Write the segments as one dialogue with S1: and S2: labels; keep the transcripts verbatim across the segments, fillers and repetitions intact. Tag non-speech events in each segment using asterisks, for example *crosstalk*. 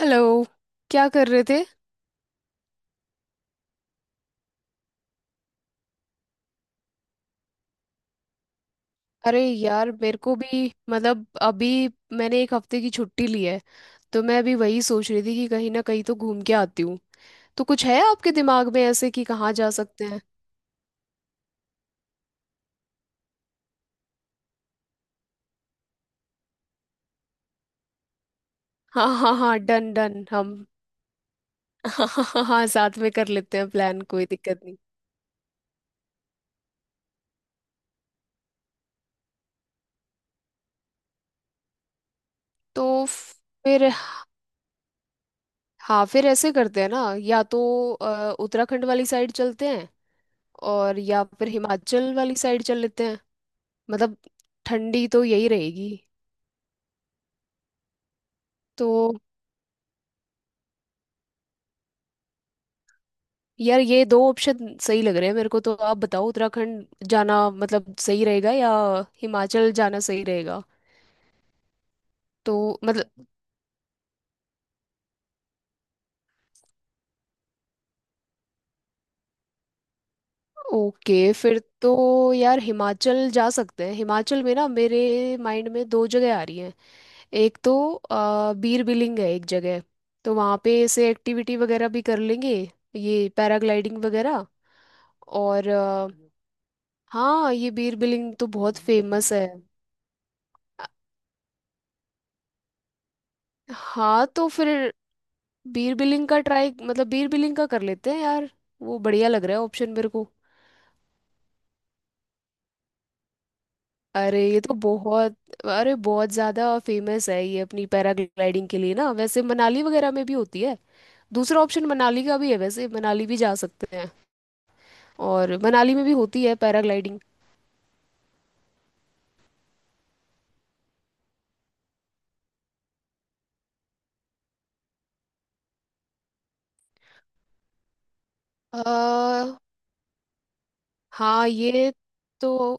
S1: Hello. क्या कर रहे थे? अरे यार, मेरे को भी मतलब अभी मैंने एक हफ्ते की छुट्टी ली है। तो मैं अभी वही सोच रही थी कि कहीं ना कहीं तो घूम के आती हूँ। तो कुछ है आपके दिमाग में ऐसे कि कहाँ जा सकते हैं? हाँ हाँ हाँ, डन डन, हम। *laughs* हाँ हाँ हाँ हाँ, साथ में कर लेते हैं प्लान, कोई दिक्कत नहीं। तो फिर, हाँ फिर ऐसे करते हैं ना, या तो अ, उत्तराखंड वाली साइड चलते हैं, और या फिर हिमाचल वाली साइड चल लेते हैं। मतलब, ठंडी तो यही रहेगी। तो यार ये दो ऑप्शन सही लग रहे हैं मेरे को। तो आप बताओ उत्तराखंड जाना मतलब सही रहेगा, या हिमाचल जाना सही रहेगा? तो मतलब, ओके फिर तो, यार हिमाचल जा सकते हैं। हिमाचल में ना, मेरे माइंड में दो जगह आ रही हैं। एक तो अ, बीर बिलिंग है एक जगह। तो वहाँ पे ऐसे एक्टिविटी वगैरह भी कर लेंगे, ये पैराग्लाइडिंग वगैरह। और अ, हाँ, ये बीर बिलिंग तो बहुत फेमस है। हाँ तो फिर बीर बिलिंग का ट्राई मतलब बीर बिलिंग का कर लेते हैं यार। वो बढ़िया लग रहा है ऑप्शन मेरे को। अरे ये तो बहुत अरे बहुत ज्यादा फेमस है ये अपनी पैराग्लाइडिंग के लिए ना, वैसे मनाली वगैरह में भी होती है। दूसरा ऑप्शन मनाली का भी है, वैसे मनाली भी जा सकते हैं। और मनाली में भी होती है पैराग्लाइडिंग। अ हाँ, ये तो,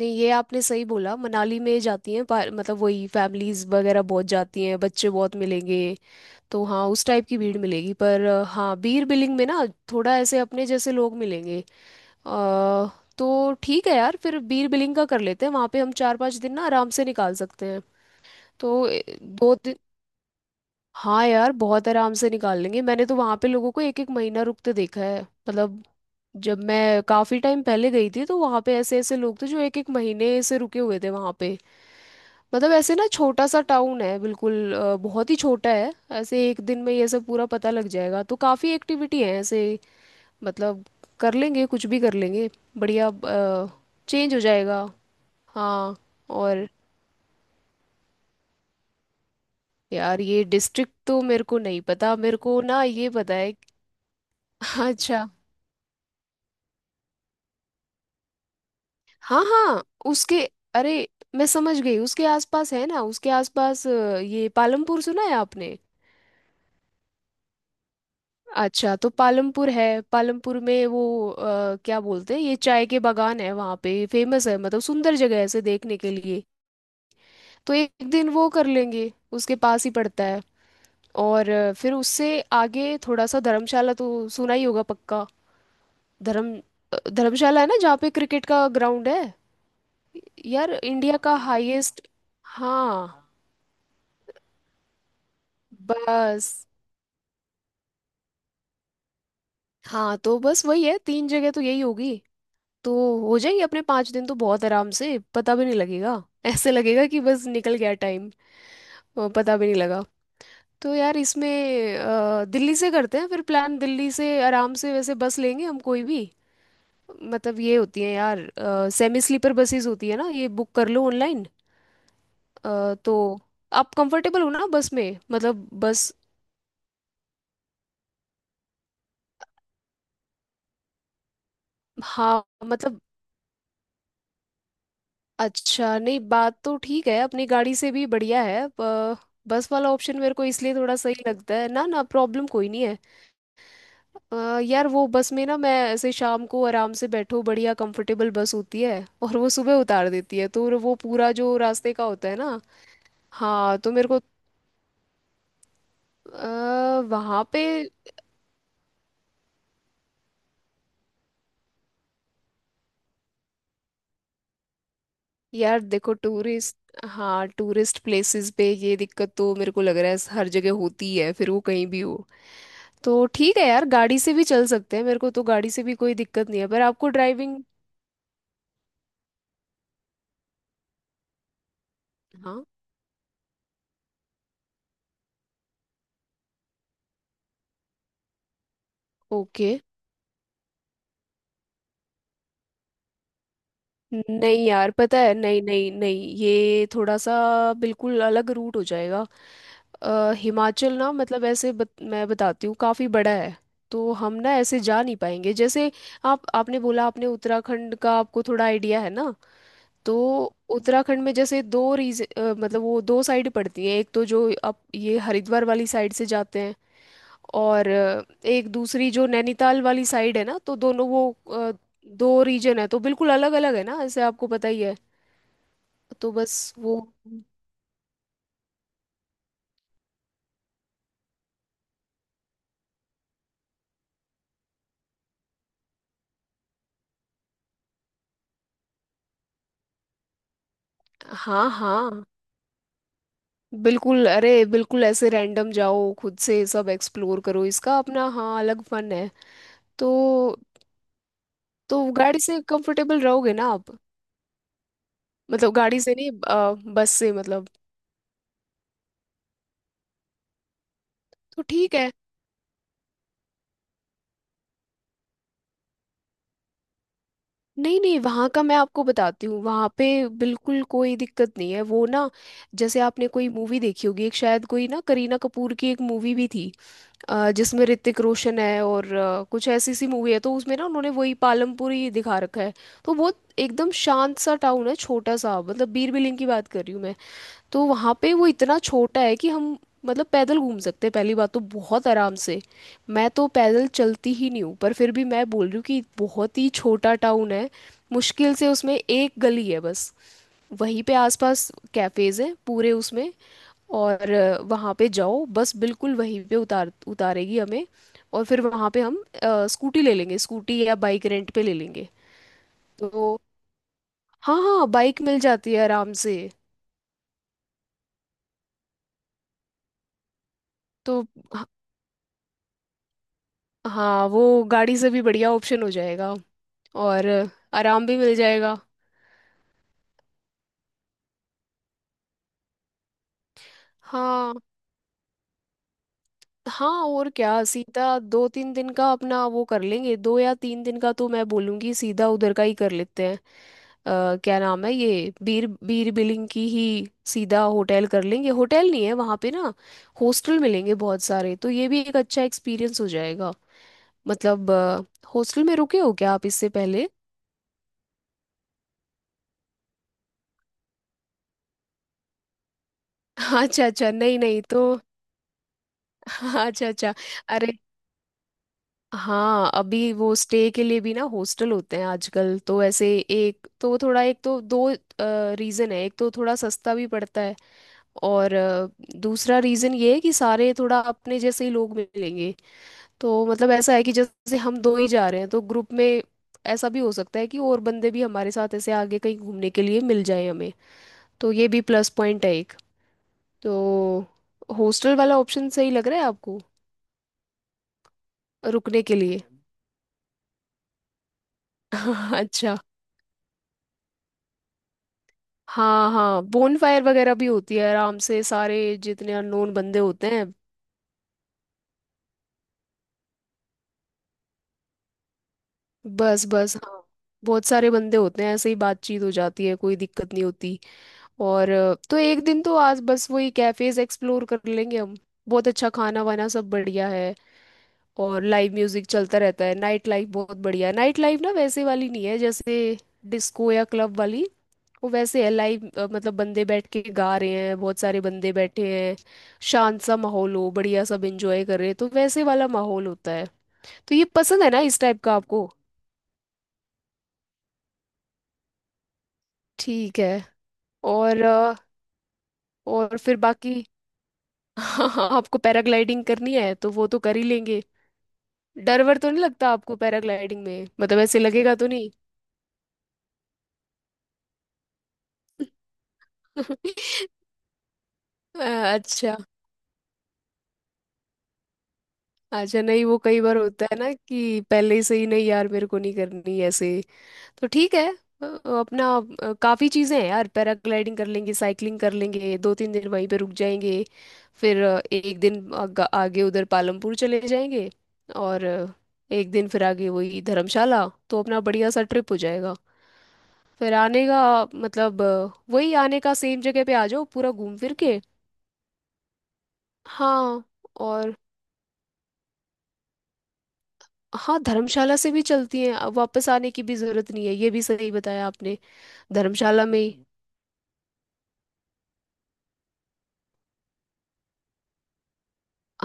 S1: नहीं ये आपने सही बोला, मनाली में जाती हैं पा- मतलब वही फैमिलीज वगैरह बहुत जाती हैं, बच्चे बहुत मिलेंगे। तो हाँ, उस टाइप की भीड़ मिलेगी पर अ, हाँ, बीयर बिलिंग में ना, थोड़ा ऐसे अपने जैसे लोग मिलेंगे। अ, तो ठीक है यार, फिर बीयर बिलिंग का कर लेते हैं। वहाँ पे हम चार पांच दिन ना आराम से निकाल सकते हैं। तो ए, दो, हाँ यार, बहुत आराम से निकाल लेंगे। मैंने तो वहां पे लोगों को एक एक महीना रुकते देखा है। मतलब, जब मैं काफी टाइम पहले गई थी, तो वहां पे ऐसे ऐसे लोग थे जो एक एक महीने से रुके हुए थे वहां पे। मतलब ऐसे ना, छोटा सा टाउन है बिल्कुल, अ, बहुत ही छोटा है। ऐसे एक दिन में ये सब पूरा पता लग जाएगा। तो काफी एक्टिविटी है ऐसे। मतलब, कर लेंगे, कुछ भी कर लेंगे। बढ़िया, चेंज हो जाएगा। हाँ, और यार ये डिस्ट्रिक्ट तो मेरे को नहीं पता, मेरे को ना ये पता है। *laughs* अच्छा, हाँ हाँ उसके अरे, मैं समझ गई, उसके आसपास है ना, उसके आसपास अ, ये पालमपुर सुना है आपने? अच्छा, तो पालमपुर है। पालमपुर में वो अ, क्या बोलते हैं, ये चाय के बागान है वहाँ पे, फेमस है। मतलब, सुंदर जगह है ऐसे देखने के लिए। तो एक दिन वो कर लेंगे, उसके पास ही पड़ता है। और अ, फिर उससे आगे थोड़ा सा धर्मशाला तो सुना ही होगा पक्का। धर्म अ, धर्मशाला है ना जहाँ पे क्रिकेट का ग्राउंड है, यार इंडिया का हाईएस्ट। हाँ, बस, हाँ तो बस वही है, तीन जगह तो यही होगी। तो हो जाएंगे अपने पाँच दिन तो बहुत आराम से, पता भी नहीं लगेगा। *laughs* ऐसे लगेगा कि बस निकल गया टाइम। अ, पता भी नहीं लगा। तो यार इसमें अ, दिल्ली से करते हैं फिर प्लान। दिल्ली से आराम से वैसे बस लेंगे हम, कोई भी। मतलब ये होती है यार, सेमी स्लीपर बसेस होती है ना, ये बुक कर लो ऑनलाइन। तो आप कंफर्टेबल हो ना बस में, मतलब बस। हाँ मतलब, अच्छा, नहीं बात तो ठीक है, अपनी गाड़ी से भी बढ़िया है। प- बस वाला ऑप्शन मेरे को इसलिए थोड़ा सही लगता है ना। ना प्रॉब्लम कोई नहीं है। अ, यार वो बस में ना, मैं ऐसे शाम को आराम से बैठो, बढ़िया कंफर्टेबल बस होती है, और वो सुबह उतार देती है, तो वो पूरा जो रास्ते का होता है ना। हाँ तो मेरे को आ, वहाँ पे, यार देखो टूरिस्ट। हाँ, टूरिस्ट प्लेसेस पे ये दिक्कत तो मेरे को लग रहा है हर जगह होती है, फिर वो कहीं भी हो। तो ठीक है यार, गाड़ी से भी चल सकते हैं, मेरे को तो गाड़ी से भी कोई दिक्कत नहीं है, पर आपको ड्राइविंग। हाँ, ओके, नहीं यार पता है। नहीं नहीं नहीं, ये थोड़ा सा बिल्कुल अलग रूट हो जाएगा। अ, हिमाचल ना, मतलब ऐसे बत, मैं बताती हूँ काफ़ी बड़ा है। तो हम ना ऐसे जा नहीं पाएंगे, जैसे आप आपने बोला, आपने उत्तराखंड का आपको थोड़ा आइडिया है ना। तो उत्तराखंड में जैसे दो रीज अ, मतलब वो दो साइड पड़ती हैं, एक तो जो आप ये हरिद्वार वाली साइड से जाते हैं, और अ, एक दूसरी जो नैनीताल वाली साइड है ना। तो दोनों वो अ, दो रीजन है, तो बिल्कुल अलग अलग है ना, ऐसे आपको पता ही है। तो बस वो, हाँ हाँ बिल्कुल, अरे बिल्कुल, ऐसे रैंडम जाओ, खुद से सब एक्सप्लोर करो, इसका अपना हाँ अलग फन है। तो तो गाड़ी से कंफर्टेबल रहोगे ना आप? मतलब गाड़ी से नहीं, अ, बस से मतलब। तो ठीक है। नहीं नहीं, वहाँ का मैं आपको बताती हूँ। वहाँ पे बिल्कुल कोई दिक्कत नहीं है वो ना। जैसे आपने कोई मूवी देखी होगी, एक, शायद कोई ना, करीना कपूर की एक मूवी भी थी, अ, जिसमें ऋतिक रोशन है, और अ, कुछ ऐसी सी मूवी है। तो उसमें ना उन्होंने वही पालमपुर ही दिखा रखा है। तो बहुत एकदम शांत सा टाउन है, छोटा सा। मतलब, बीर बिलिंग की बात कर रही हूँ मैं। तो वहाँ पे वो इतना छोटा है कि हम, मतलब पैदल घूम सकते हैं पहली बात तो, बहुत आराम से। मैं तो पैदल चलती ही नहीं हूँ, पर फिर भी मैं बोल रही हूँ कि बहुत ही छोटा टाउन है। मुश्किल से उसमें एक गली है बस। वहीं पे आसपास कैफ़ेज़ हैं पूरे उसमें। और अ, वहाँ पे जाओ, बस बिल्कुल वहीं पे उतार उतारेगी हमें। और फिर वहाँ पे हम अ, स्कूटी ले लेंगे, स्कूटी या बाइक रेंट पे ले लेंगे। तो हाँ हाँ, बाइक मिल जाती है आराम से। तो हाँ, वो गाड़ी से भी बढ़िया ऑप्शन हो जाएगा, और आराम भी मिल जाएगा। हाँ हाँ, और क्या सीधा दो तीन दिन का अपना वो कर लेंगे, दो या तीन दिन का, तो मैं बोलूँगी सीधा उधर का ही कर लेते हैं। अ, क्या नाम है ये, बीर बीर बिलिंग की ही, सीधा होटल कर लेंगे। होटल नहीं है वहाँ पे ना, हॉस्टल मिलेंगे बहुत सारे, तो ये भी एक अच्छा एक्सपीरियंस हो जाएगा। मतलब, हॉस्टल में रुके हो क्या आप इससे पहले? *laughs* अच्छा अच्छा, नहीं नहीं तो। *laughs* अच्छा अच्छा। अरे हाँ, अभी वो स्टे के लिए भी ना हॉस्टल होते हैं आजकल, तो ऐसे एक तो थोड़ा, एक तो दो रीज़न है। एक तो थोड़ा सस्ता भी पड़ता है, और अ, दूसरा रीज़न ये है कि सारे थोड़ा अपने जैसे ही लोग मिलेंगे। तो मतलब ऐसा है कि जैसे हम दो ही जा रहे हैं तो ग्रुप में ऐसा भी हो सकता है कि और बंदे भी हमारे साथ ऐसे आगे कहीं घूमने के लिए मिल जाए हमें। तो ये भी प्लस पॉइंट है एक। तो हॉस्टल वाला ऑप्शन सही लग रहा है आपको रुकने के लिए? *laughs* अच्छा, हाँ हाँ, बोन फायर वगैरह भी होती है आराम से, सारे जितने अननोन बंदे होते हैं। बस बस, हाँ, बहुत सारे बंदे होते हैं, ऐसे ही बातचीत हो जाती है, कोई दिक्कत नहीं होती। और अ, तो एक दिन तो आज बस वही कैफेज एक्सप्लोर कर लेंगे हम। बहुत अच्छा खाना वाना सब बढ़िया है। और लाइव म्यूजिक चलता रहता है, नाइट लाइफ बहुत बढ़िया है। नाइट लाइफ ना वैसे वाली नहीं है जैसे डिस्को या क्लब वाली, वो वैसे है लाइव। मतलब बंदे बैठ के गा रहे हैं, बहुत सारे बंदे बैठे हैं, शांत सा माहौल हो, बढ़िया, सब एंजॉय कर रहे हैं, तो वैसे वाला माहौल होता है। तो ये पसंद है ना इस टाइप का आपको? ठीक है, और अ, और फिर बाकी, *laughs* हाँ हाँ, आपको पैराग्लाइडिंग करनी है तो वो तो कर ही लेंगे। डर वर तो नहीं लगता आपको पैराग्लाइडिंग में, मतलब ऐसे लगेगा तो नहीं? *laughs* अ, अच्छा, अच्छा नहीं, वो कई बार होता है ना कि पहले से ही, नहीं यार मेरे को नहीं करनी ऐसे। तो ठीक है, अ, अपना अ, काफी चीजें हैं यार, पैराग्लाइडिंग कर लेंगे, साइकिलिंग कर लेंगे, दो तीन दिन वहीं पे रुक जाएंगे। फिर अ, एक दिन आग- आगे उधर पालमपुर चले जाएंगे। और अ, एक दिन फिर आगे वही धर्मशाला, तो अपना बढ़िया सा ट्रिप हो जाएगा। फिर आने का मतलब अ, वही आने का, सेम जगह पे आ जाओ पूरा घूम फिर के। हाँ। और हाँ, धर्मशाला से भी चलती हैं, अ, वापस आने की भी जरूरत नहीं है, ये भी सही बताया आपने। धर्मशाला में ही,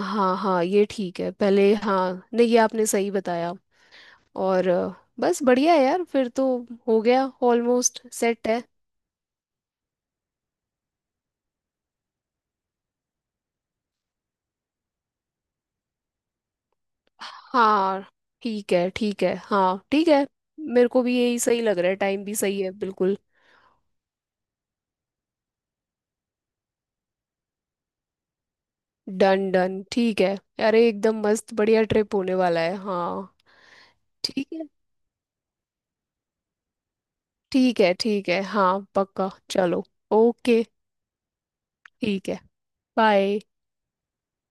S1: हाँ हाँ, ये ठीक है पहले, हाँ, नहीं ये आपने सही बताया। और अ, बस बढ़िया है यार फिर तो, हो गया, ऑलमोस्ट सेट है। हाँ ठीक है, ठीक है, हाँ ठीक है। मेरे को भी यही सही लग रहा है, टाइम भी सही है बिल्कुल। डन डन, ठीक है। अरे एकदम मस्त, बढ़िया ट्रिप होने वाला है हाँ। ठीक है, ठीक है, ठीक है, हाँ पक्का चलो। ओके, ठीक है, बाय।